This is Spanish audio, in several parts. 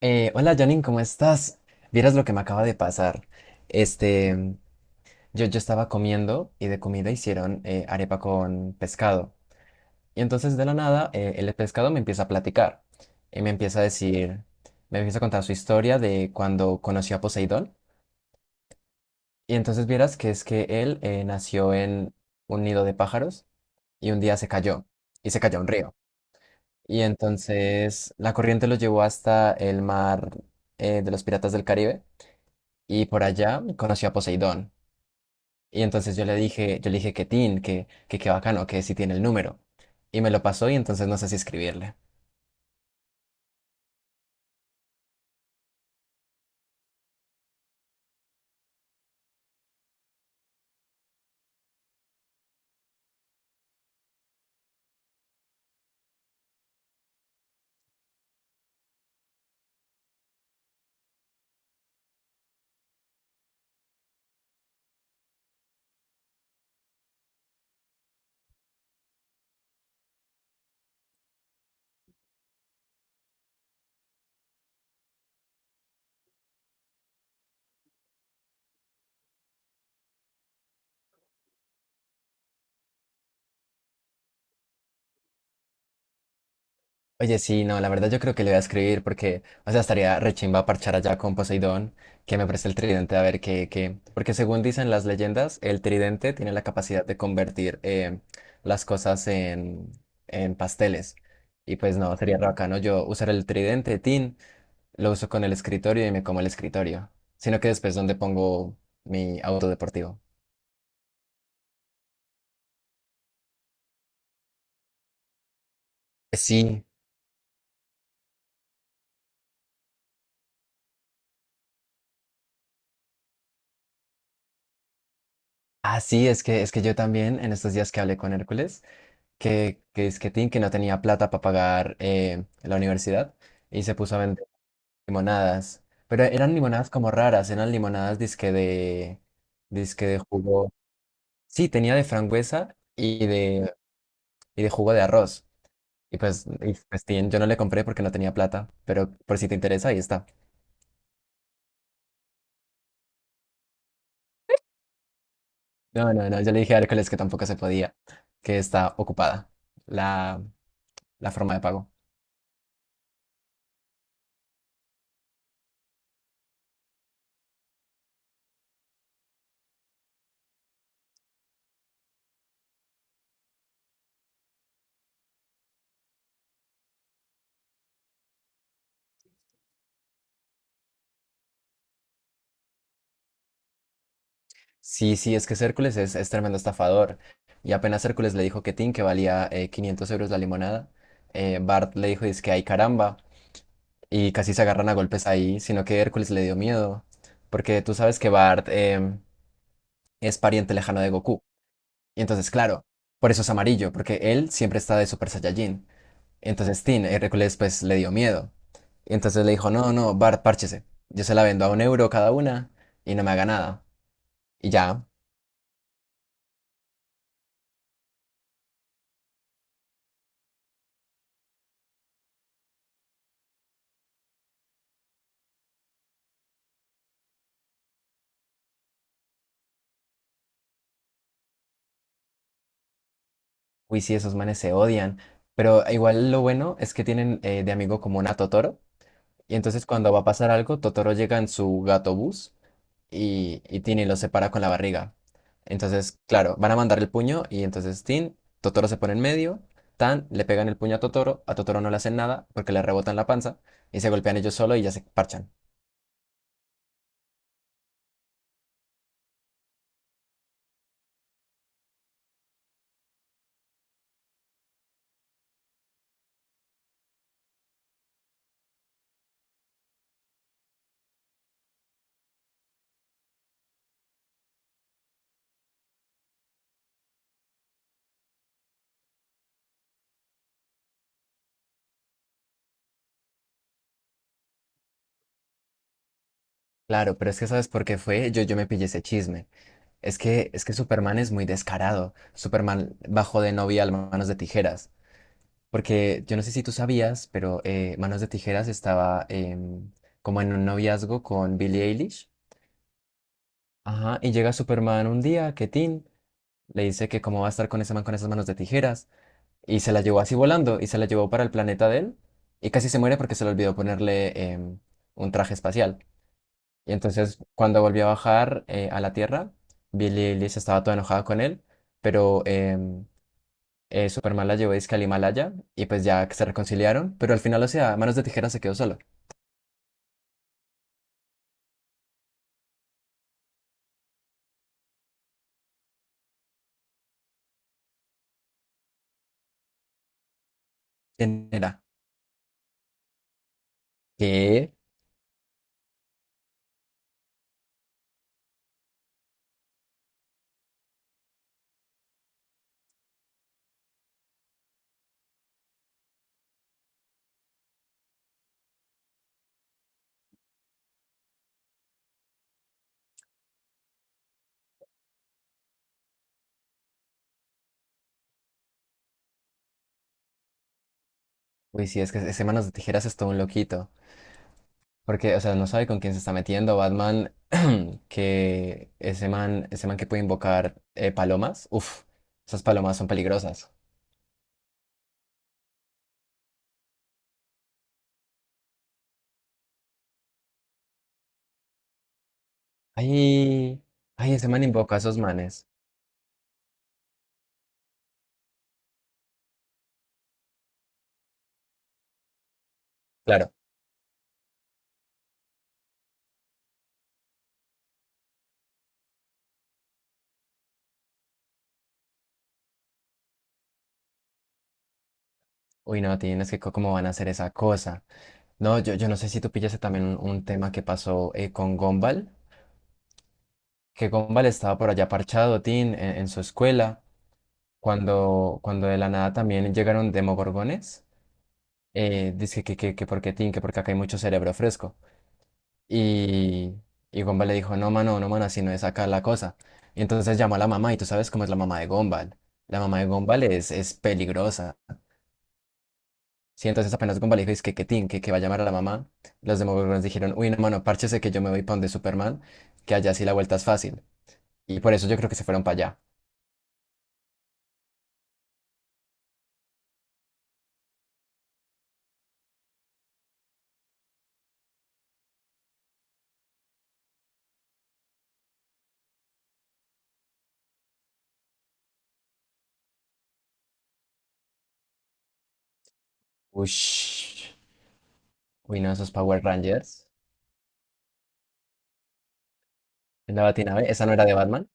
Hola, Janine, ¿cómo estás? Vieras lo que me acaba de pasar. Este, yo estaba comiendo y de comida hicieron arepa con pescado. Y entonces de la nada el pescado me empieza a platicar y me empieza a decir, me empieza a contar su historia de cuando conoció a Poseidón. Y entonces vieras que es que él nació en un nido de pájaros y un día se cayó y se cayó a un río. Y entonces la corriente lo llevó hasta el mar de los Piratas del Caribe. Y por allá conoció a Poseidón. Y entonces yo le dije que Tin, que qué bacano, que si tiene el número. Y me lo pasó y entonces no sé si escribirle. Oye, sí, no, la verdad yo creo que le voy a escribir porque, o sea, estaría rechimba parchar allá con Poseidón, que me preste el tridente a ver qué, qué. Porque según dicen las leyendas, el tridente tiene la capacidad de convertir las cosas en pasteles. Y pues no, sería re bacano yo usar el tridente, Tin. Lo uso con el escritorio y me como el escritorio, sino que después donde pongo mi auto deportivo. Sí, ah, sí, es que yo también en estos días que hablé con Hércules, que es que Tim, que no tenía plata para pagar la universidad y se puso a vender limonadas, pero eran limonadas como raras, eran limonadas disque de jugo, sí, tenía de frangüesa y de jugo de arroz. Y pues, Tim, yo no le compré porque no tenía plata, pero por si te interesa, ahí está. No, no, no, yo le dije a Hércules que tampoco se podía, que está ocupada la, la forma de pago. Sí, sí, es que Hércules es tremendo estafador. Y apenas Hércules le dijo que Tin, que valía 500 euros la limonada, Bart le dijo, dice que ay caramba, y casi se agarran a golpes ahí, sino que Hércules le dio miedo, porque tú sabes que Bart es pariente lejano de Goku. Y entonces, claro, por eso es amarillo, porque él siempre está de Super Saiyajin. Entonces Tin, Hércules pues le dio miedo. Entonces le dijo, no, no, Bart, párchese. Yo se la vendo a un euro cada una y no me haga nada. Y ya, uy, sí, esos manes se odian. Pero igual lo bueno es que tienen de amigo común a Totoro. Y entonces cuando va a pasar algo, Totoro llega en su gato bus y Tin y lo separa con la barriga. Entonces, claro, van a mandar el puño y entonces Tin, Totoro se pone en medio. Tan, le pegan el puño a Totoro no le hacen nada porque le rebotan la panza y se golpean ellos solo y ya se parchan. Claro, pero es que ¿sabes por qué fue? Yo me pillé ese chisme. Es que Superman es muy descarado. Superman bajó de novia a Manos de Tijeras. Porque yo no sé si tú sabías, pero Manos de Tijeras estaba como en un noviazgo con Billie Eilish. Ajá, y llega Superman un día, que Tin le dice que cómo va a estar con ese man con esas manos de tijeras. Y se la llevó así volando, y se la llevó para el planeta de él. Y casi se muere porque se le olvidó ponerle un traje espacial. Y entonces cuando volvió a bajar a la Tierra, Billie Eilish estaba toda enojada con él, pero Superman la llevó dizque al Himalaya y pues ya que se reconciliaron, pero al final, o sea, Manos de Tijeras se quedó solo. ¿Quién era? ¿Qué? Uy, sí, es que ese Manos de Tijeras es todo un loquito, porque, o sea, no sabe con quién se está metiendo. Batman, que ese man que puede invocar palomas, uff, esas palomas son peligrosas. Ay, ay, ese man invoca a esos manes. Claro. Uy, no, tienes que cómo van a hacer esa cosa. No, yo no sé si tú pillaste también un tema que pasó con Gombal, que Gombal estaba por allá parchado, Tin, en su escuela, cuando, cuando de la nada también llegaron demogorgones. Dice que porque Tin, que porque acá hay mucho cerebro fresco. Y, y Gombal le dijo, no, mano, no, mano, así no es acá la cosa. Y entonces llamó a la mamá, y tú sabes cómo es la mamá de Gombal. La mamá de Gombal es peligrosa. Sí, entonces apenas Gumball dijo, es que tin, que va a llamar a la mamá, los Demogorgons dijeron, uy, no, mano, párchese que yo me voy para donde Superman, que allá sí la vuelta es fácil. Y por eso yo creo que se fueron para allá. Ush. Uy, no, esos Power Rangers. En la Batinave, ¿esa no era de Batman?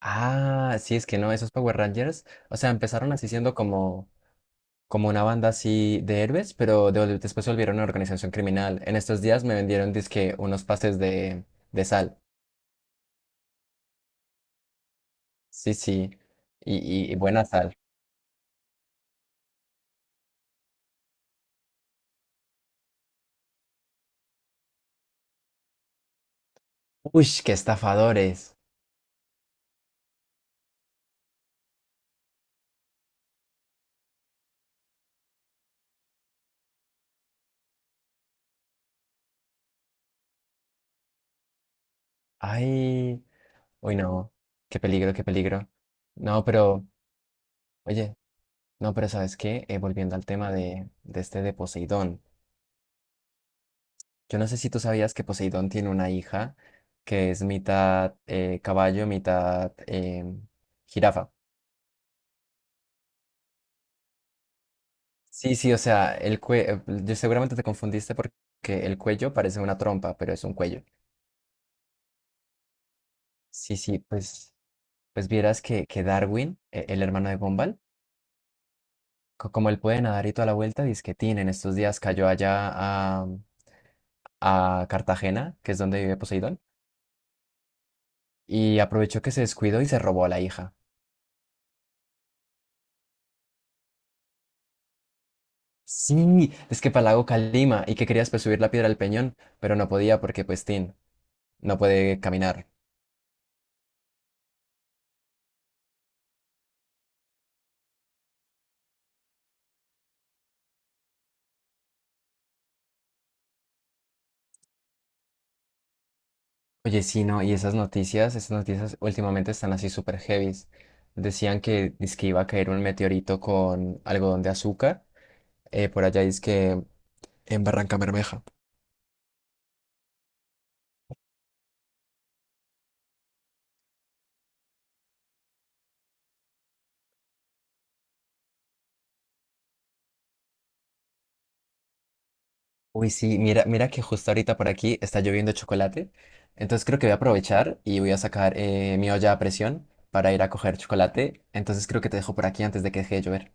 Ah, sí, es que no, esos Power Rangers, o sea, empezaron así siendo como, como una banda así de héroes, pero después se volvieron una organización criminal. En estos días me vendieron, dizque, unos pases de sal. Sí, sí, y, y buena sal. Uy, qué estafadores. Ay, uy, no, qué peligro, qué peligro. No, pero, oye, no, pero ¿sabes qué? Volviendo al tema de este de Poseidón. Yo no sé si tú sabías que Poseidón tiene una hija que es mitad caballo, mitad jirafa. Sí, sí, o sea, el cuello, yo seguramente te confundiste porque el cuello parece una trompa, pero es un cuello. Sí, sí, pues, pues vieras que Darwin, el hermano de Gumball, como él puede nadar y toda la vuelta, disquetín, en estos días cayó allá a, a Cartagena, que es donde vive Poseidón, y aprovechó que se descuidó y se robó a la hija. Sí, es que Palago Calima y que querías pues subir la piedra al peñón, pero no podía porque pues Tin no puede caminar. Oye, sí, no, y esas noticias últimamente están así súper heavies. Decían que dizque iba a caer un meteorito con algodón de azúcar, por allá que en Barranca Bermeja. Uy, sí, mira, mira que justo ahorita por aquí está lloviendo chocolate. Entonces creo que voy a aprovechar y voy a sacar mi olla a presión para ir a coger chocolate. Entonces creo que te dejo por aquí antes de que deje de llover.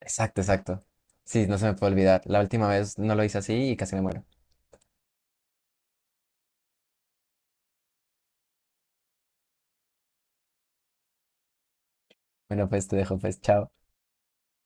Exacto, exacto. Sí, no se me puede olvidar. La última vez no lo hice así y casi me muero. Bueno, pues te dejo, pues, chao.